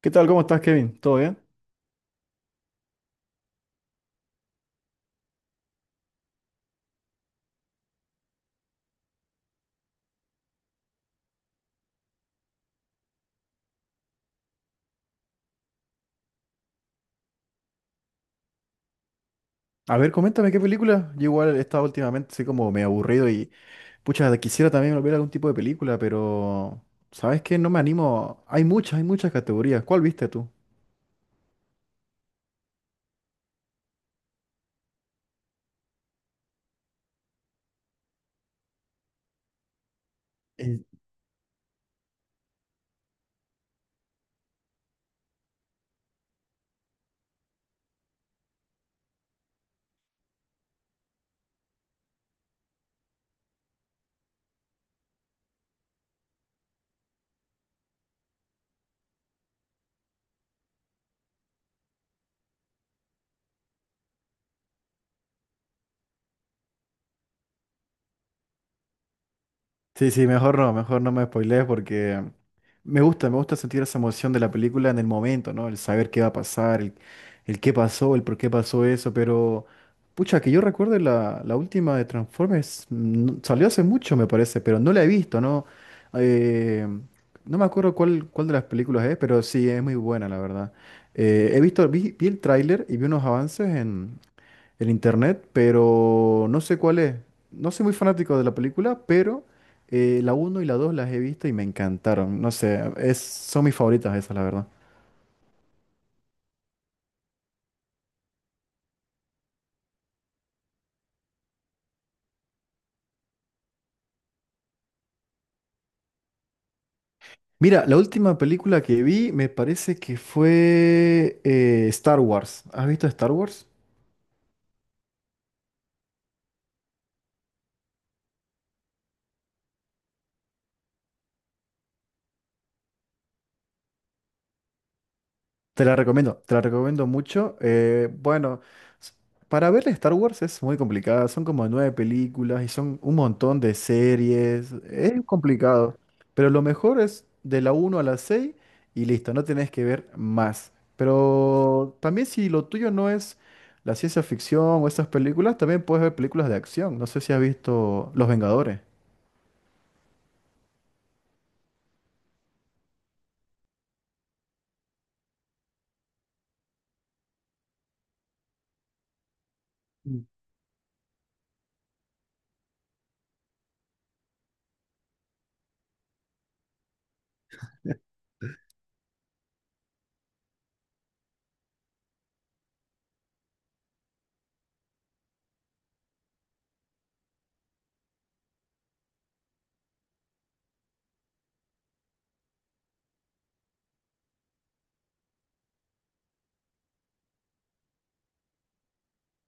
¿Qué tal? ¿Cómo estás, Kevin? ¿Todo bien? A ver, coméntame qué película. Yo igual he estado últimamente así como medio aburrido y pucha, quisiera también ver algún tipo de película, pero ¿sabes qué? No me animo. Hay muchas categorías. ¿Cuál viste tú? Eh, Sí, sí, mejor no me spoilees porque me gusta sentir esa emoción de la película en el momento, ¿no? El saber qué va a pasar, el qué pasó, el por qué pasó eso, pero pucha, que yo recuerde la última de Transformers, salió hace mucho me parece, pero no la he visto, ¿no? Eh, no me acuerdo cuál de las películas es, pero sí, es muy buena, la verdad. Vi el tráiler y vi unos avances el internet, pero no sé cuál es. No soy muy fanático de la película, pero la uno y la 2 las he visto y me encantaron. No sé, son mis favoritas esas, la verdad. Mira, la última película que vi me parece que fue Star Wars. ¿Has visto Star Wars? Te la recomiendo mucho. Bueno, s- para ver Star Wars es muy complicada, son como nueve películas y son un montón de series, es complicado, pero lo mejor es de la uno a la 6 y listo, no tenés que ver más. Pero también si lo tuyo no es la ciencia ficción o esas películas, también puedes ver películas de acción. No sé si has visto Los Vengadores. Mm.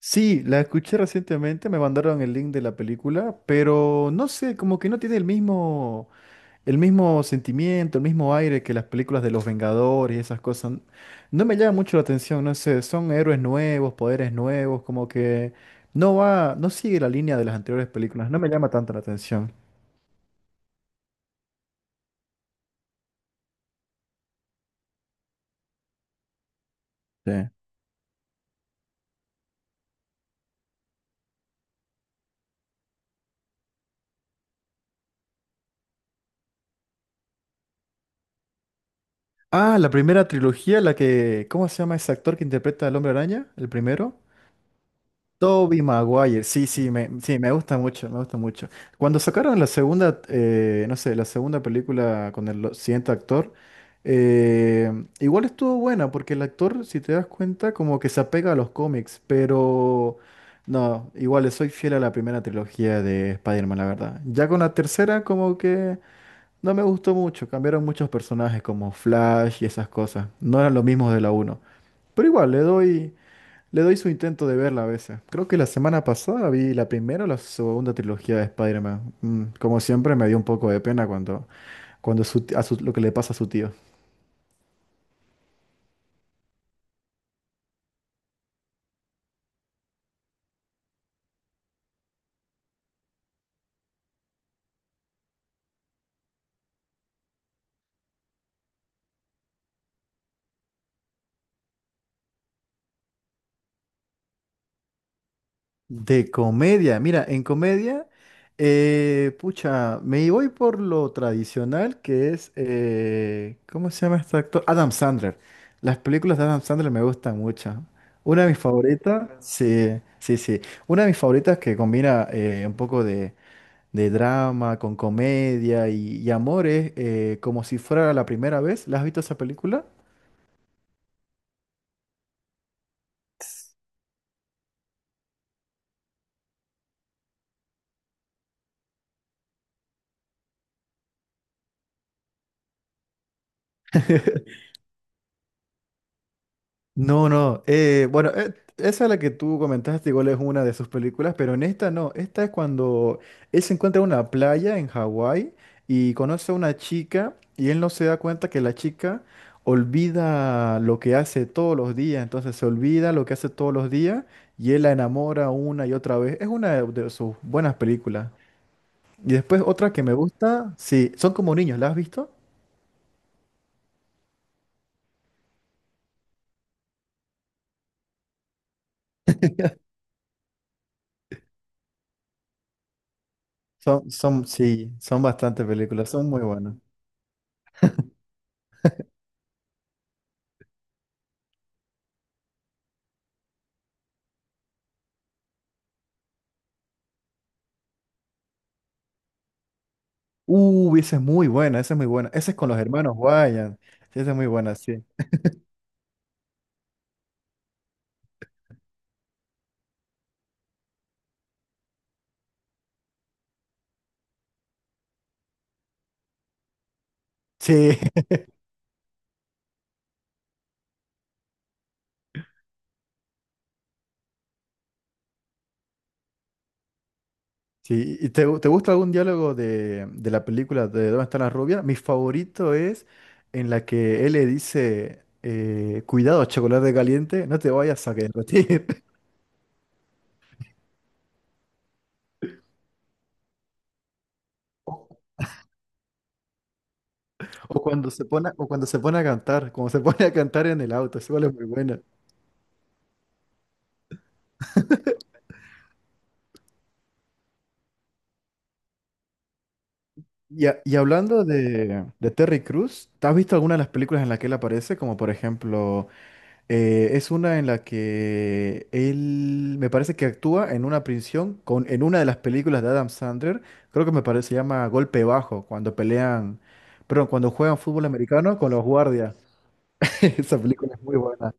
Sí, la escuché recientemente, me mandaron el link de la película, pero no sé, como que no tiene el mismo. El mismo sentimiento, el mismo aire que las películas de los Vengadores y esas cosas. No me llama mucho la atención, no sé, son héroes nuevos, poderes nuevos, como que no va, no sigue la línea de las anteriores películas, no me llama tanto la atención. Sí. Ah, la primera trilogía, ¿cómo se llama ese actor que interpreta al Hombre Araña? El primero. Toby Maguire, sí, me gusta mucho, me gusta mucho. Cuando sacaron la segunda, no sé, la segunda película con siguiente actor, eh, igual estuvo buena, porque el actor, si te das cuenta, como que se apega a los cómics, pero no, igual soy fiel a la primera trilogía de Spider-Man, la verdad. Ya con la tercera, como que no me gustó mucho, cambiaron muchos personajes como Flash y esas cosas, no eran los mismos de la uno, pero igual, le doy. Le doy su intento de verla a veces. Creo que la semana pasada vi la primera o la segunda trilogía de Spider-Man. Como siempre, me dio un poco de pena cuando, cuando su ti- a su- lo que le pasa a su tío. De comedia, mira, en comedia, pucha, me voy por lo tradicional que es, ¿cómo se llama este actor? Adam Sandler. Las películas de Adam Sandler me gustan mucho. Una de mis favoritas, sí, sí, sí. Una de mis favoritas que combina un poco de drama, con comedia y amores, como si fuera la primera vez. ¿La has visto esa película? No, no. Bueno, esa es la que tú comentaste, igual es una de sus películas, pero en esta no. Esta es cuando él se encuentra en una playa en Hawái y conoce a una chica y él no se da cuenta que la chica olvida lo que hace todos los días. Entonces se olvida lo que hace todos los días y él la enamora una y otra vez. Es una de sus buenas películas. Y después otra que me gusta, sí, son como niños, ¿la has visto? Sí, son bastantes películas, son muy buenas. Esa es muy buena, esa es muy buena. Esa es con los hermanos Wayans. Sí, esa es muy buena, sí. Sí, sí. ¿Y te, te gusta algún diálogo de la película de ¿Dónde está la rubia? Mi favorito es en la que él le dice, cuidado, chocolate caliente, no te vayas a derretir. O cuando se pone a cantar, como se pone a cantar en el auto, eso es muy bueno. Y, y hablando de Terry Crews, ¿te ¿has visto alguna de las películas en las que él aparece? Como por ejemplo, es una en la que él me parece que actúa en una prisión con, en una de las películas de Adam Sandler, creo que me parece, se llama Golpe Bajo, cuando pelean, perdón, cuando juegan fútbol americano con los guardias. Esa película es muy buena.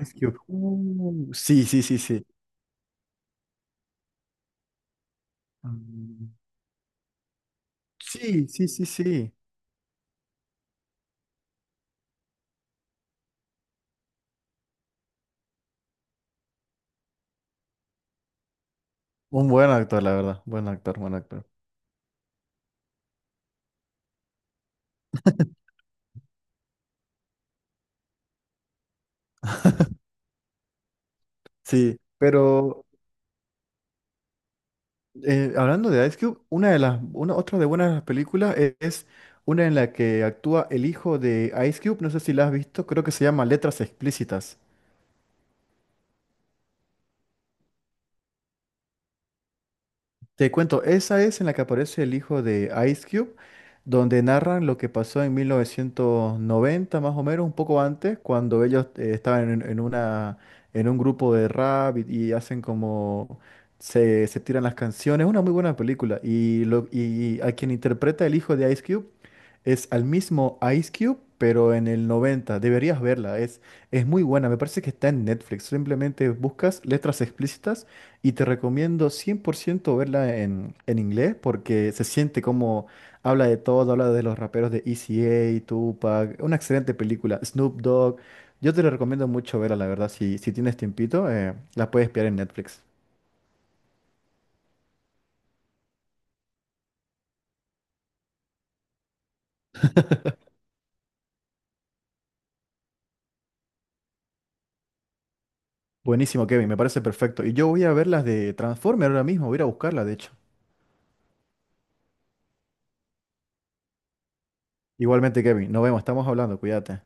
Ice Cube. Sí, sí, sí, sí. Mm, sí, sí, sí, sí. Un buen actor, la verdad. Buen actor, buen actor. Sí, pero. Hablando de Ice Cube, una de las, una, otra de buenas películas es, una en la que actúa el hijo de Ice Cube, no sé si la has visto, creo que se llama Letras Explícitas. Te cuento, esa es en la que aparece el hijo de Ice Cube, donde narran lo que pasó en 1990, más o menos, un poco antes, cuando ellos estaban en una, en un grupo de rap y hacen como se tiran las canciones. Una muy buena película. Y a quien interpreta el hijo de Ice Cube es al mismo Ice Cube, pero en el 90. Deberías verla, es muy buena. Me parece que está en Netflix. Simplemente buscas letras explícitas y te recomiendo 100% verla en inglés porque se siente como habla de todo, habla de los raperos de ECA, Tupac, una excelente película, Snoop Dogg. Yo te la recomiendo mucho verla, la verdad. Si, si tienes tiempito, la puedes pillar en Netflix. Buenísimo, Kevin, me parece perfecto. Y yo voy a ver las de Transformer ahora mismo, voy a ir a buscarla, de hecho. Igualmente, Kevin, nos vemos, estamos hablando, cuídate.